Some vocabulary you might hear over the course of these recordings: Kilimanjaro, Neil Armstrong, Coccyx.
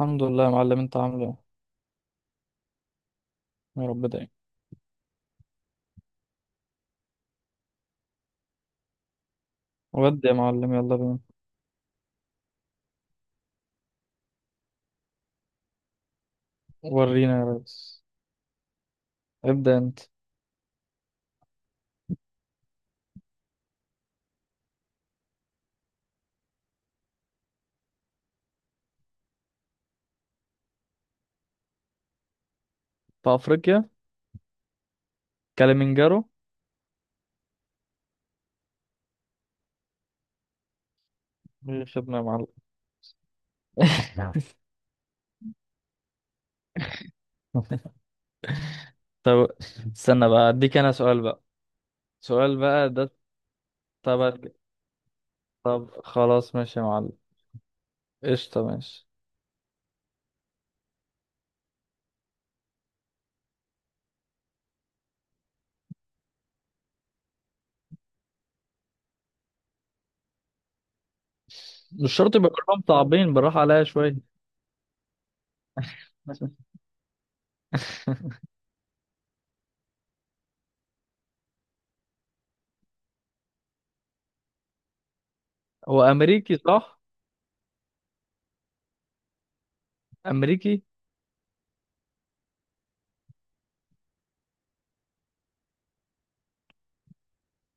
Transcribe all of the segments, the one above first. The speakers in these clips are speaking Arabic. الحمد لله يا معلم، انت عامل ايه؟ يا رب دايما. ودي يا معلم، يلا بينا. ورينا يا ريس. ابدأ انت. في افريقيا. كليمنجارو. ايه خدنا يا معلم؟ طب، استنى بقى اديك انا سؤال بقى. سؤال بقى ده. تبع. طب خلاص ماشي يا معلم. قشطة، ماشي. مش شرط يبقى كلهم صعبين، بالراحة عليا شوية. هو امريكي صح؟ امريكي.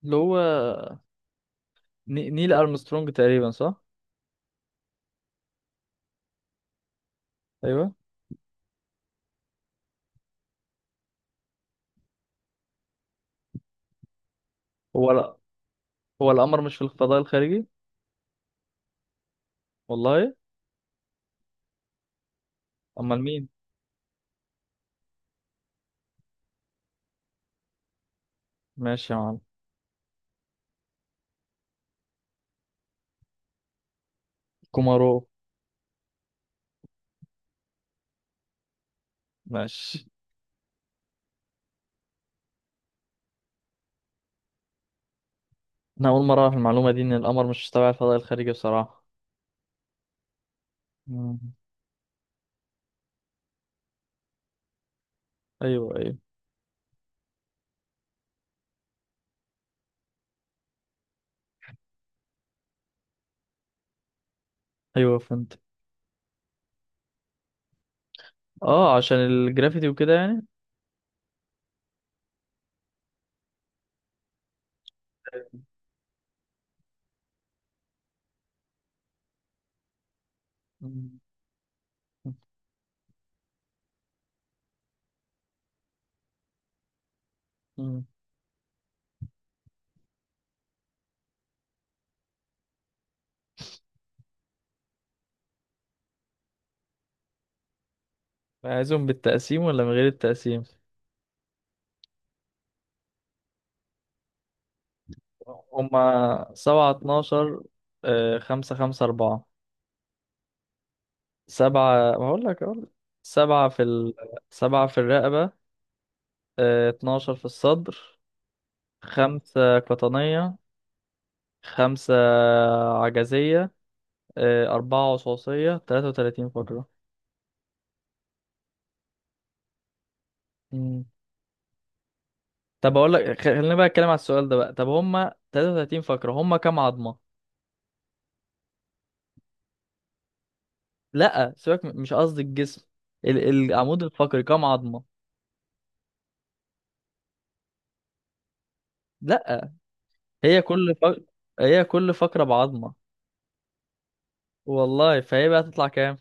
اللي هو نيل ارمسترونج تقريبا صح؟ ايوه. هو لا، هو القمر مش في الفضاء الخارجي؟ والله. امال مين؟ ماشي يا معلم. كومارو. ماشي. انا اول مره اعرف المعلومه دي ان القمر مش تبع الفضاء الخارجي بصراحه. مم. ايوه ايوه. ايوه فهمت. اه، عشان الجرافيتي وكده يعني. مم. مم. عايزهم بالتقسيم ولا من غير التقسيم؟ هما سبعة اتناشر. خمسة خمسة أربعة. سبعة، هقول لك أقول لك. سبعة في ال... سبعة في الرقبة، 12 في الصدر، خمسة قطنية، خمسة عجزية، أربعة وصاصية، 33 فقرة. مم. طب أقول لك، خلينا بقى أتكلم على السؤال ده بقى. طب هما 33 فقرة، هما كام عظمة؟ لأ سيبك، مش قصدي الجسم، العمود الفقري كام عظمة؟ لأ. هي كل فقرة هي كل فقرة بعظمة. والله، فهي بقى تطلع كام؟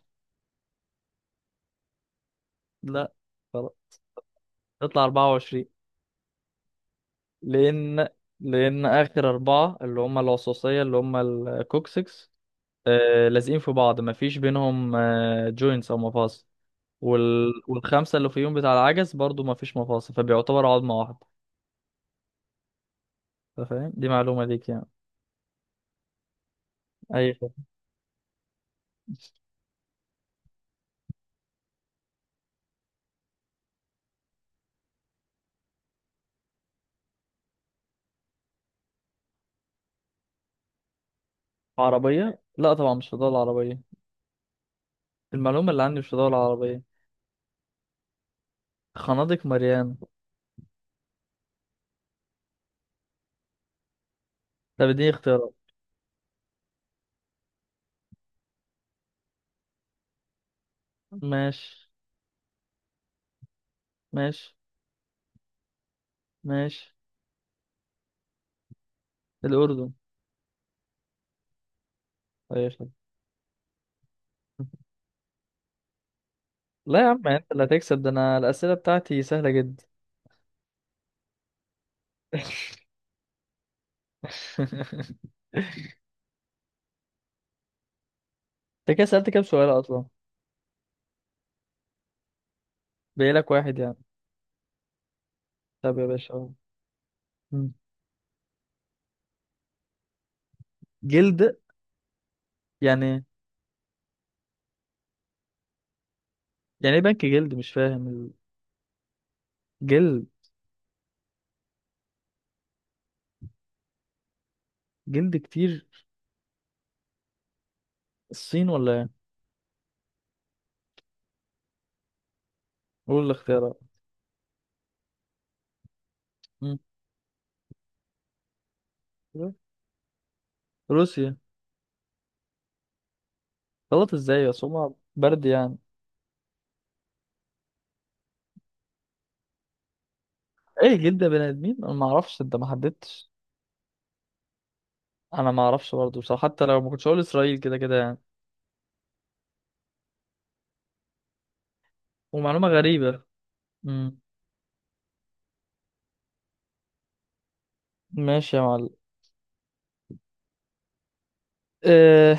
لأ خلاص. تطلع 24. لأن لأن آخر أربعة اللي هما العصاصية اللي هما الكوكسكس، آه لازقين في بعض مفيش بينهم آه جوينتس أو مفاصل. والخمسة اللي فيهم بتاع العجز برضو ما فيش مفاصل، فبيعتبر عظمة واحدة. أنت فاهم؟ دي معلومة ليك يعني. أي خدمة. عربية؟ لا طبعا، مش فضاء العربية. المعلومة اللي عندي مش فضاء العربية. خنادق مليانة. طب اديني اختيارات. ماشي. ماشي. ماشي. الأردن. أي خدمة. لا يا عم، انت اللي هتكسب ده، انا الأسئلة بتاعتي سهلة جدا. انت كده سألت كام سؤال اصلا؟ باقيلك واحد يعني. طب يا باشا. مم. جلد؟ يعني. يعني ايه بنك جلد؟ مش فاهم. الجلد. جلد كتير. الصين ولا ايه؟ قول الاختيارات. مم. روسيا. غلط ازاي بس؟ هما برد يعني. ايه جلد بني ادمين؟ انا ما اعرفش، انت ما حددتش. انا ما اعرفش برضه بصراحه، حتى لو ما كنتش هقول اسرائيل كده كده يعني. ومعلومه غريبه. مم. ماشي يا معلم. اه...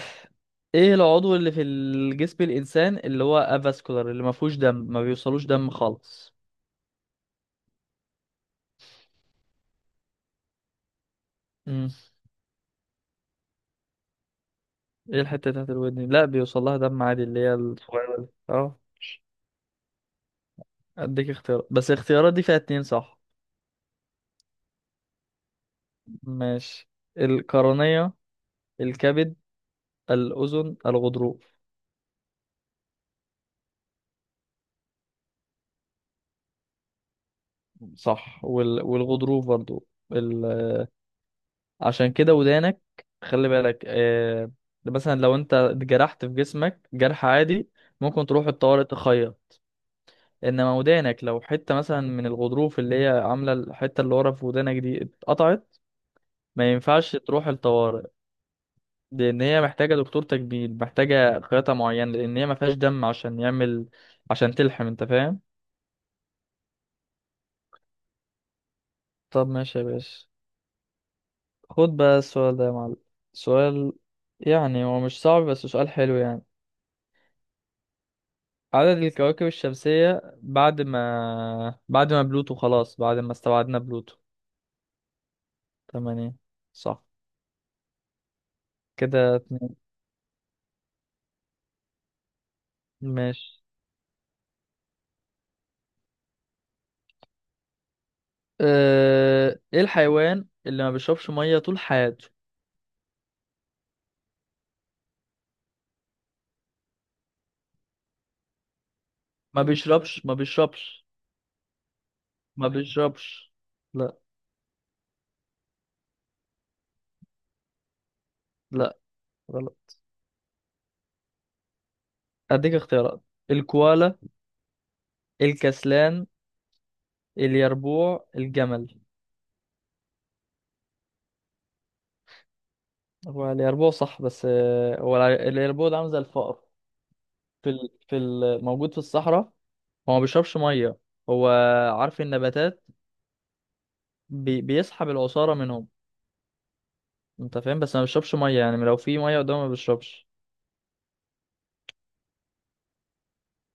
ايه العضو اللي في الجسم الانسان اللي هو افاسكولار، اللي ما فيهوش دم، ما بيوصلوش دم خالص؟ مم. ايه الحته بتاعت الودن؟ لا، بيوصل لها دم عادي، اللي هي الصغيره دي اه. اديك اختيارات، بس الاختيارات دي فيها اتنين صح. ماشي. القرنية، الكبد، الأذن الغضروف. صح، والغضروف برضو. ال... عشان كده ودانك، خلي بالك. مثلا لو انت اتجرحت في جسمك جرح عادي ممكن تروح الطوارئ تخيط، انما ودانك لو حتة مثلا من الغضروف اللي هي عاملة الحتة اللي ورا في ودانك دي اتقطعت، ما ينفعش تروح الطوارئ، لان هي محتاجة دكتور تجميل، محتاجة خياطة معينة، لان هي ما فيهاش دم عشان يعمل، عشان تلحم. انت فاهم؟ طب ماشي يا باشا. خد بقى السؤال ده يا معلم. سؤال، يعني هو مش صعب بس سؤال حلو يعني. عدد الكواكب الشمسية بعد ما بلوتو، خلاص بعد ما استبعدنا بلوتو. تمانية. صح. كده اتنين. ماشي. اه... ايه الحيوان اللي ما بيشربش مية طول حياته؟ ما بيشربش. ما بيشربش. لا. لا، غلط. اديك اختيارات: الكوالا، الكسلان، اليربوع، الجمل. هو اليربوع صح، بس هو اليربوع ده عامل زي الفقر. موجود في الصحراء. هو ما بيشربش ميه. هو عارف النباتات، بيسحب العصاره منهم. انت فاهم؟ بس ما بيشربش ميه يعني، لو في ميه قدامه ما بيشربش.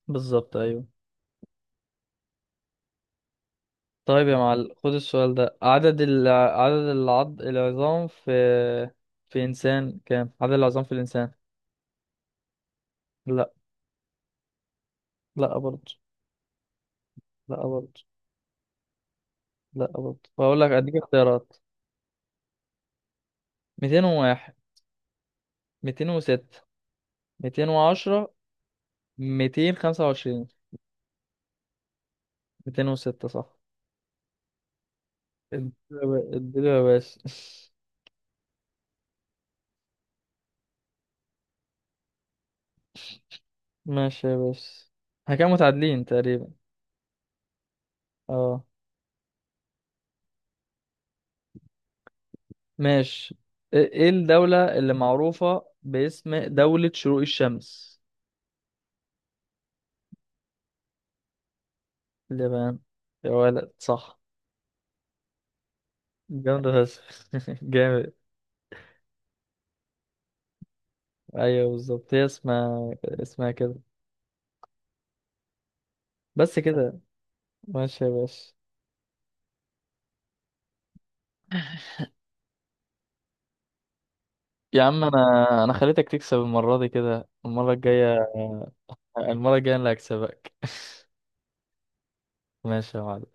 بالظبط ايوه. طيب يا معلم، خد السؤال ده. عدد ال... عدد العض... العظام في انسان، كام عدد العظام في الانسان؟ لا. لا برضه. لا برضه. لا برضه، بقول لك اديك اختيارات. 201، 206، 210، 225. 206 صح. اديله يا باشا. ماشي يا باشا. احنا كده متعادلين تقريبا. اه. ماشي. إيه الدولة اللي معروفة باسم دولة شروق الشمس؟ اليابان. يا ولد صح. جامدة بس. جامد. ايوه بالظبط، هي اسمها اسمها كده. بس كده. ماشي يا باشا. يا عم انا خليتك تكسب المرة دي، كده المرة الجاية، المرة الجاية انا اللي هكسبك. ماشي يا معلم.